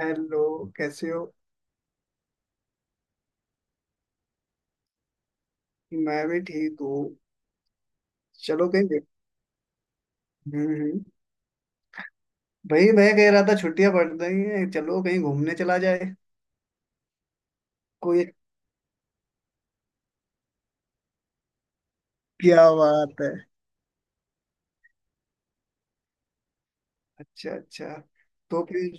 Hello. कैसे हो? मैं भी ठीक हूँ। चलो कहीं देख। हम्म, भाई, मैं कह रहा था छुट्टियां पड़ रही हैं, चलो कहीं घूमने चला जाए। कोई, क्या बात है? अच्छा, अच्छा। तो फिर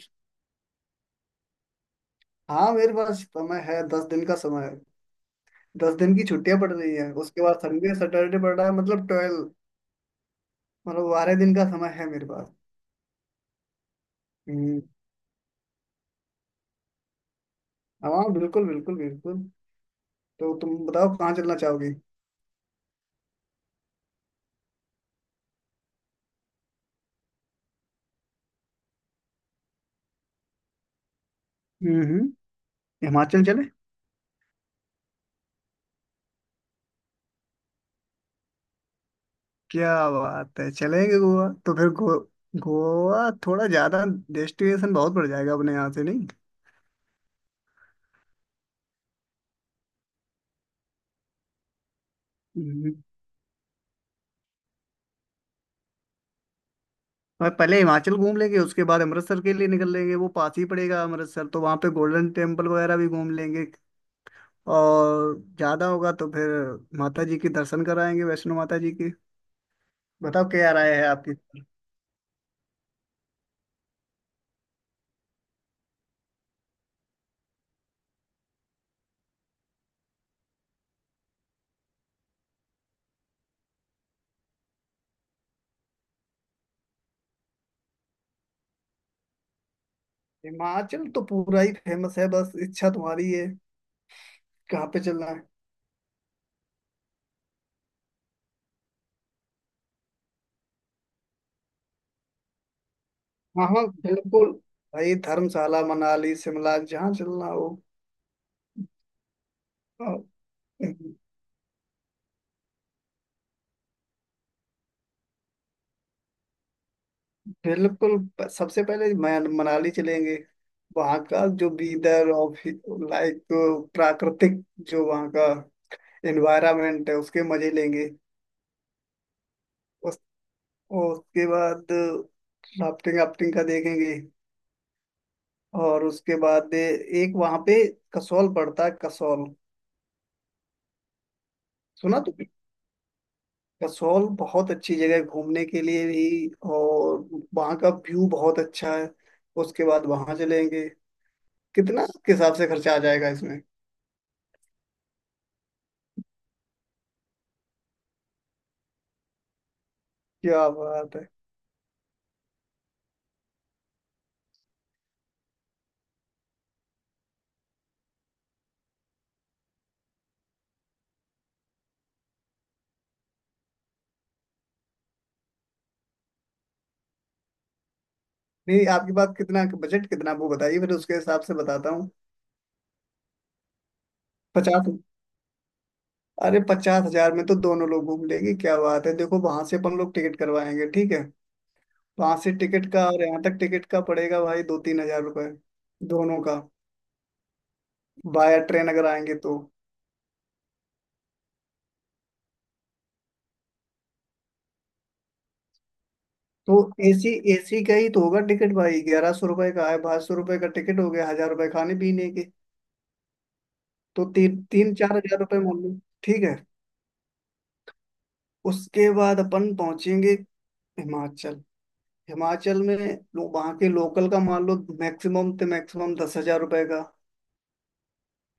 हाँ, मेरे पास समय है, 10 दिन का समय है। दस दिन की छुट्टियां पड़ रही हैं, उसके बाद संडे सैटरडे पड़ रहा है, मतलब 12, मतलब 12 दिन का समय है मेरे पास। हम्म। हाँ, बिल्कुल, बिल्कुल, बिल्कुल। तो तुम बताओ कहाँ चलना चाहोगी। हम्म, हम्म, हिमाचल चले? क्या बात है, चलेंगे गोवा। तो फिर गोवा थोड़ा ज्यादा डेस्टिनेशन बहुत बढ़ जाएगा अपने यहाँ से, नहीं? हम्म। और पहले हिमाचल घूम लेंगे, उसके बाद अमृतसर के लिए निकल लेंगे। वो पास ही पड़ेगा अमृतसर, तो वहाँ पे गोल्डन टेम्पल वगैरह भी घूम लेंगे। और ज्यादा होगा तो फिर माता जी के दर्शन कराएंगे, वैष्णो माता जी के। बताओ क्या राय है आपकी। हिमाचल तो पूरा ही फेमस है, बस इच्छा तुम्हारी है कहाँ पे चलना है। हाँ, हाँ, बिल्कुल। भाई, धर्मशाला, मनाली, शिमला, जहाँ चलना हो। हाँ, बिल्कुल। सबसे पहले मनाली चलेंगे। वहाँ का जो वीदर और लाइक प्राकृतिक, जो वहाँ का एनवायरनमेंट है, उसके मजे लेंगे। उस उसके बाद राफ्टिंग वाफ्टिंग का देखेंगे। और उसके बाद एक वहाँ पे कसौल पड़ता है, कसौल। सुना तो कसौल बहुत अच्छी जगह है घूमने के लिए भी। और वहाँ का व्यू बहुत अच्छा है। उसके बाद वहाँ चलेंगे। कितना के हिसाब से खर्चा आ जाएगा इसमें? क्या बात है। नहीं, आपके पास कितना बजट, कितना, वो बताइए, फिर उसके हिसाब से बताता हूँ। पचास? अरे, 50,000 में तो दोनों लोग घूम लेंगे, क्या बात है। देखो, वहां से अपन लोग टिकट करवाएंगे, ठीक है। वहां से टिकट का और यहाँ तक टिकट का पड़ेगा भाई, 2-3 हज़ार रुपए, दोनों का। बाया ट्रेन अगर आएंगे तो। तो AC, एसी का ही तो होगा टिकट भाई, 1100 रुपए का है, 1200 रुपए का टिकट हो गया, 1000 रुपए खाने पीने के। तो तीन तीन चार हजार रुपए मान लो, ठीक है। उसके बाद अपन पहुंचेंगे हिमाचल। हिमाचल में लो, वहाँ के लोकल का मान लो मैक्सिमम, तो मैक्सिमम 10,000 रुपए का।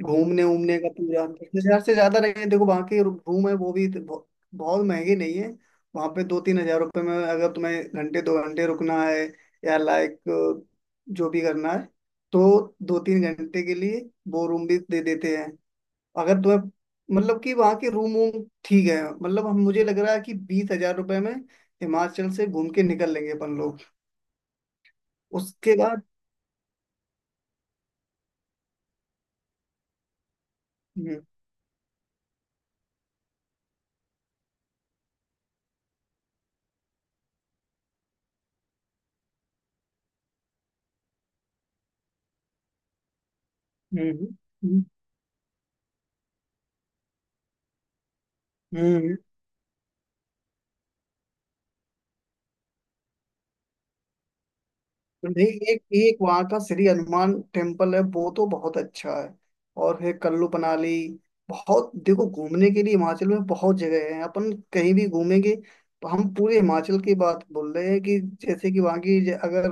घूमने उमने का पूरा 10,000 से ज्यादा नहीं है। देखो, वहाँ के रूम है, वो भी तो बहुत महंगी नहीं है। वहाँ पे 2-3 हज़ार रुपए में, अगर तुम्हें घंटे दो घंटे रुकना है, या लाइक जो भी करना है, तो दो तीन घंटे के लिए वो रूम भी दे देते हैं। अगर तुम्हें, मतलब कि वहाँ के रूम वूम ठीक है, मतलब हम, मुझे लग रहा है कि 20,000 रुपए में हिमाचल से घूम के निकल लेंगे अपन लोग। उसके बाद हम्म, हम्म, हम्म, हम्म। तो नहीं, एक एक वहाँ का श्री हनुमान टेम्पल है, वो तो बहुत अच्छा है। और है कल्लू मनाली। बहुत, देखो, घूमने के लिए हिमाचल में बहुत जगह है, अपन कहीं भी घूमेंगे। तो हम पूरे हिमाचल की बात बोल रहे हैं कि जैसे कि वहाँ की अगर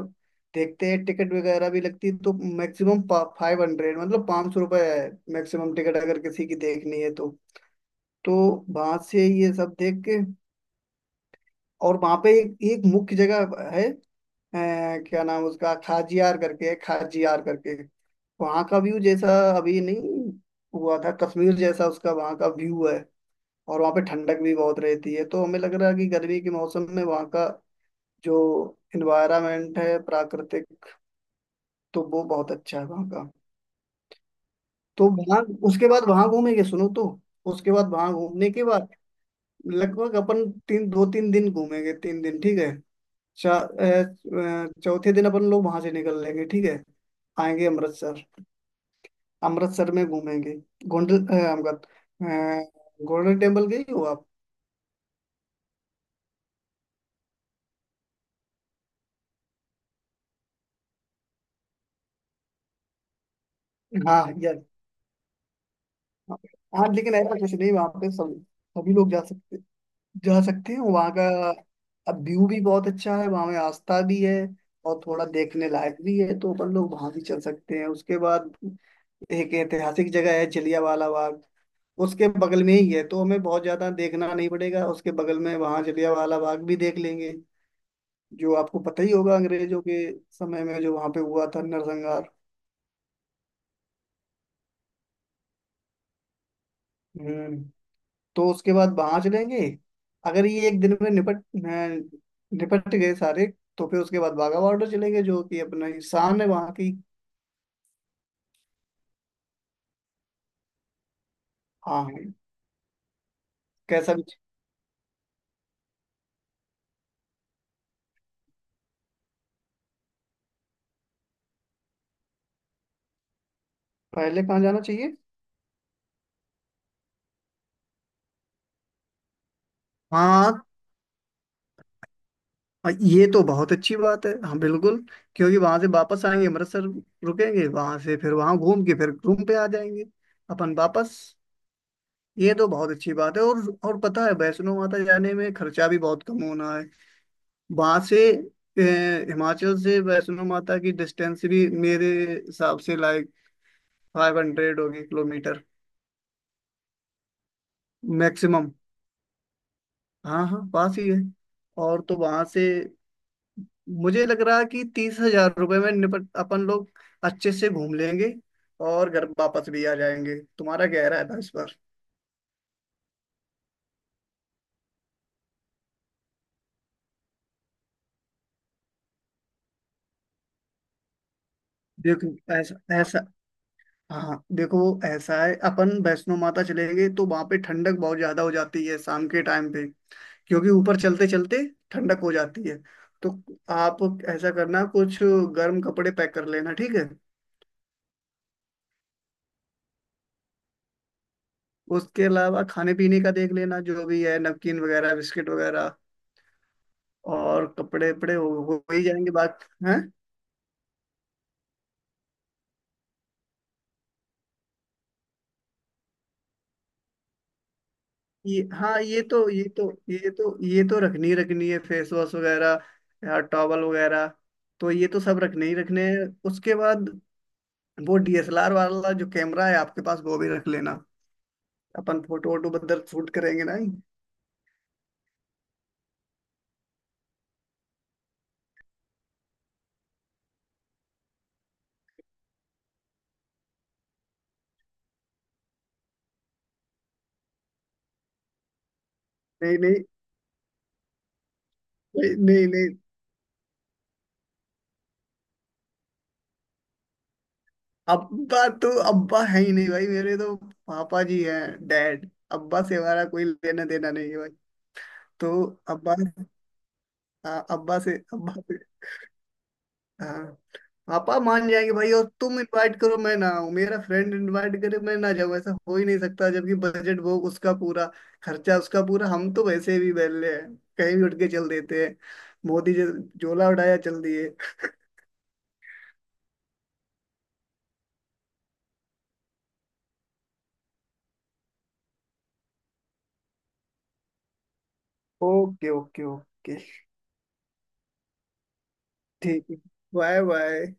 देखते हैं, टिकट वगैरह भी लगती है, तो मैक्सिमम 500, मतलब 500 रुपये है मैक्सिमम टिकट, अगर किसी की देखनी है तो। तो वहां से ये सब देख के, और वहां पे एक, एक मुख्य जगह है, अ, क्या नाम उसका, खाजियार करके है, खाजियार करके। वहां का व्यू जैसा, अभी नहीं हुआ था, कश्मीर जैसा उसका वहां का व्यू है। और वहां पे ठंडक भी बहुत रहती है, तो हमें लग रहा है कि गर्मी के मौसम में वहां का जो इन्वायरमेंट है प्राकृतिक, तो वो बहुत अच्छा है वहां का। तो वहां उसके बाद वहां घूमेंगे, सुनो तो। उसके बाद वहां घूमने के बाद लगभग अपन तीन, दो तीन दिन घूमेंगे, तीन दिन ठीक है। चा- अ, चौथे दिन अपन लोग वहां से निकल लेंगे, ठीक है। आएंगे अमृतसर। अमृतसर में घूमेंगे। गोल्डन, गोल्डन टेम्पल गई हो आप? हाँ यार। हाँ, लेकिन ऐसा कुछ नहीं, वहाँ पे सब, सभी लोग जा सकते, जा सकते हैं वहाँ का। अब व्यू भी बहुत अच्छा है, वहाँ में आस्था भी है और थोड़ा देखने लायक भी है, तो अपन लोग वहाँ भी चल सकते हैं। उसके बाद एक ऐतिहासिक जगह है, जलियांवाला बाग, उसके बगल में ही है, तो हमें बहुत ज्यादा देखना नहीं पड़ेगा। उसके बगल में वहां जलियांवाला बाग भी देख लेंगे, जो आपको पता ही होगा, अंग्रेजों के समय में जो वहां पे हुआ था नरसंहार। हम्म। तो उसके बाद वहां चलेंगे। अगर ये एक दिन में निपट गए सारे, तो फिर उसके बाद बाघा बॉर्डर चलेंगे, जो कि अपना ही शान है वहां की। हाँ, हाँ। कैसा भी। पहले कहाँ जाना चाहिए? हाँ, और ये तो बहुत अच्छी बात है, हाँ, बिल्कुल। क्योंकि वहां से वापस आएंगे अमृतसर, रुकेंगे वहां से, फिर वहां घूम के फिर रूम पे आ जाएंगे अपन वापस। ये तो बहुत अच्छी बात है। और पता है, वैष्णो माता जाने में खर्चा भी बहुत कम होना है। वहां से हिमाचल से वैष्णो माता की डिस्टेंस भी मेरे हिसाब से लाइक 500 होगी, किलोमीटर, मैक्सिमम। हाँ, हाँ, पास ही है। और तो वहां से मुझे लग रहा है कि 30,000 रुपये में निपट अपन लोग अच्छे से घूम लेंगे और घर वापस भी आ जाएंगे। तुम्हारा क्या इरादा है इस पर? देखो, ऐसा, ऐसा, हाँ देखो, ऐसा है, अपन वैष्णो माता चलेंगे तो वहां पे ठंडक बहुत ज्यादा हो जाती है शाम के टाइम पे। क्योंकि ऊपर चलते चलते ठंडक हो जाती है। तो आप ऐसा करना, कुछ गर्म कपड़े पैक कर लेना, ठीक है। उसके अलावा खाने पीने का देख लेना, जो भी है, नमकीन वगैरह, बिस्किट वगैरह। और कपड़े वपड़े हो ही जाएंगे, बात है। ये हाँ, ये तो रखनी ही रखनी है, फेस वॉश वगैरह या टॉवल वगैरह, तो ये तो सब रखने ही रखने हैं। उसके बाद वो DSLR वाला जो कैमरा है आपके पास, वो भी रख लेना, अपन फोटो वोटो बदल शूट करेंगे ना? नहीं, नहीं, नहीं, नहीं, नहीं, अब्बा तो अब्बा है ही नहीं भाई, मेरे तो पापा जी हैं, डैड। अब्बा से हमारा कोई लेना देना नहीं है भाई। तो अब्बा, हाँ, अब्बा से। हाँ, पापा मान जाएंगे भाई। और तुम इनवाइट करो मैं ना आऊं, मेरा फ्रेंड इनवाइट करे मैं ना जाऊं, ऐसा हो ही नहीं सकता, जबकि बजट वो उसका पूरा, खर्चा उसका पूरा। हम तो वैसे भी बैले हैं, कहीं भी उठ के चल देते हैं। मोदी जी, झोला उठाया चल दिए। ओके, ओके, ओके, ठीक है। Bye, bye.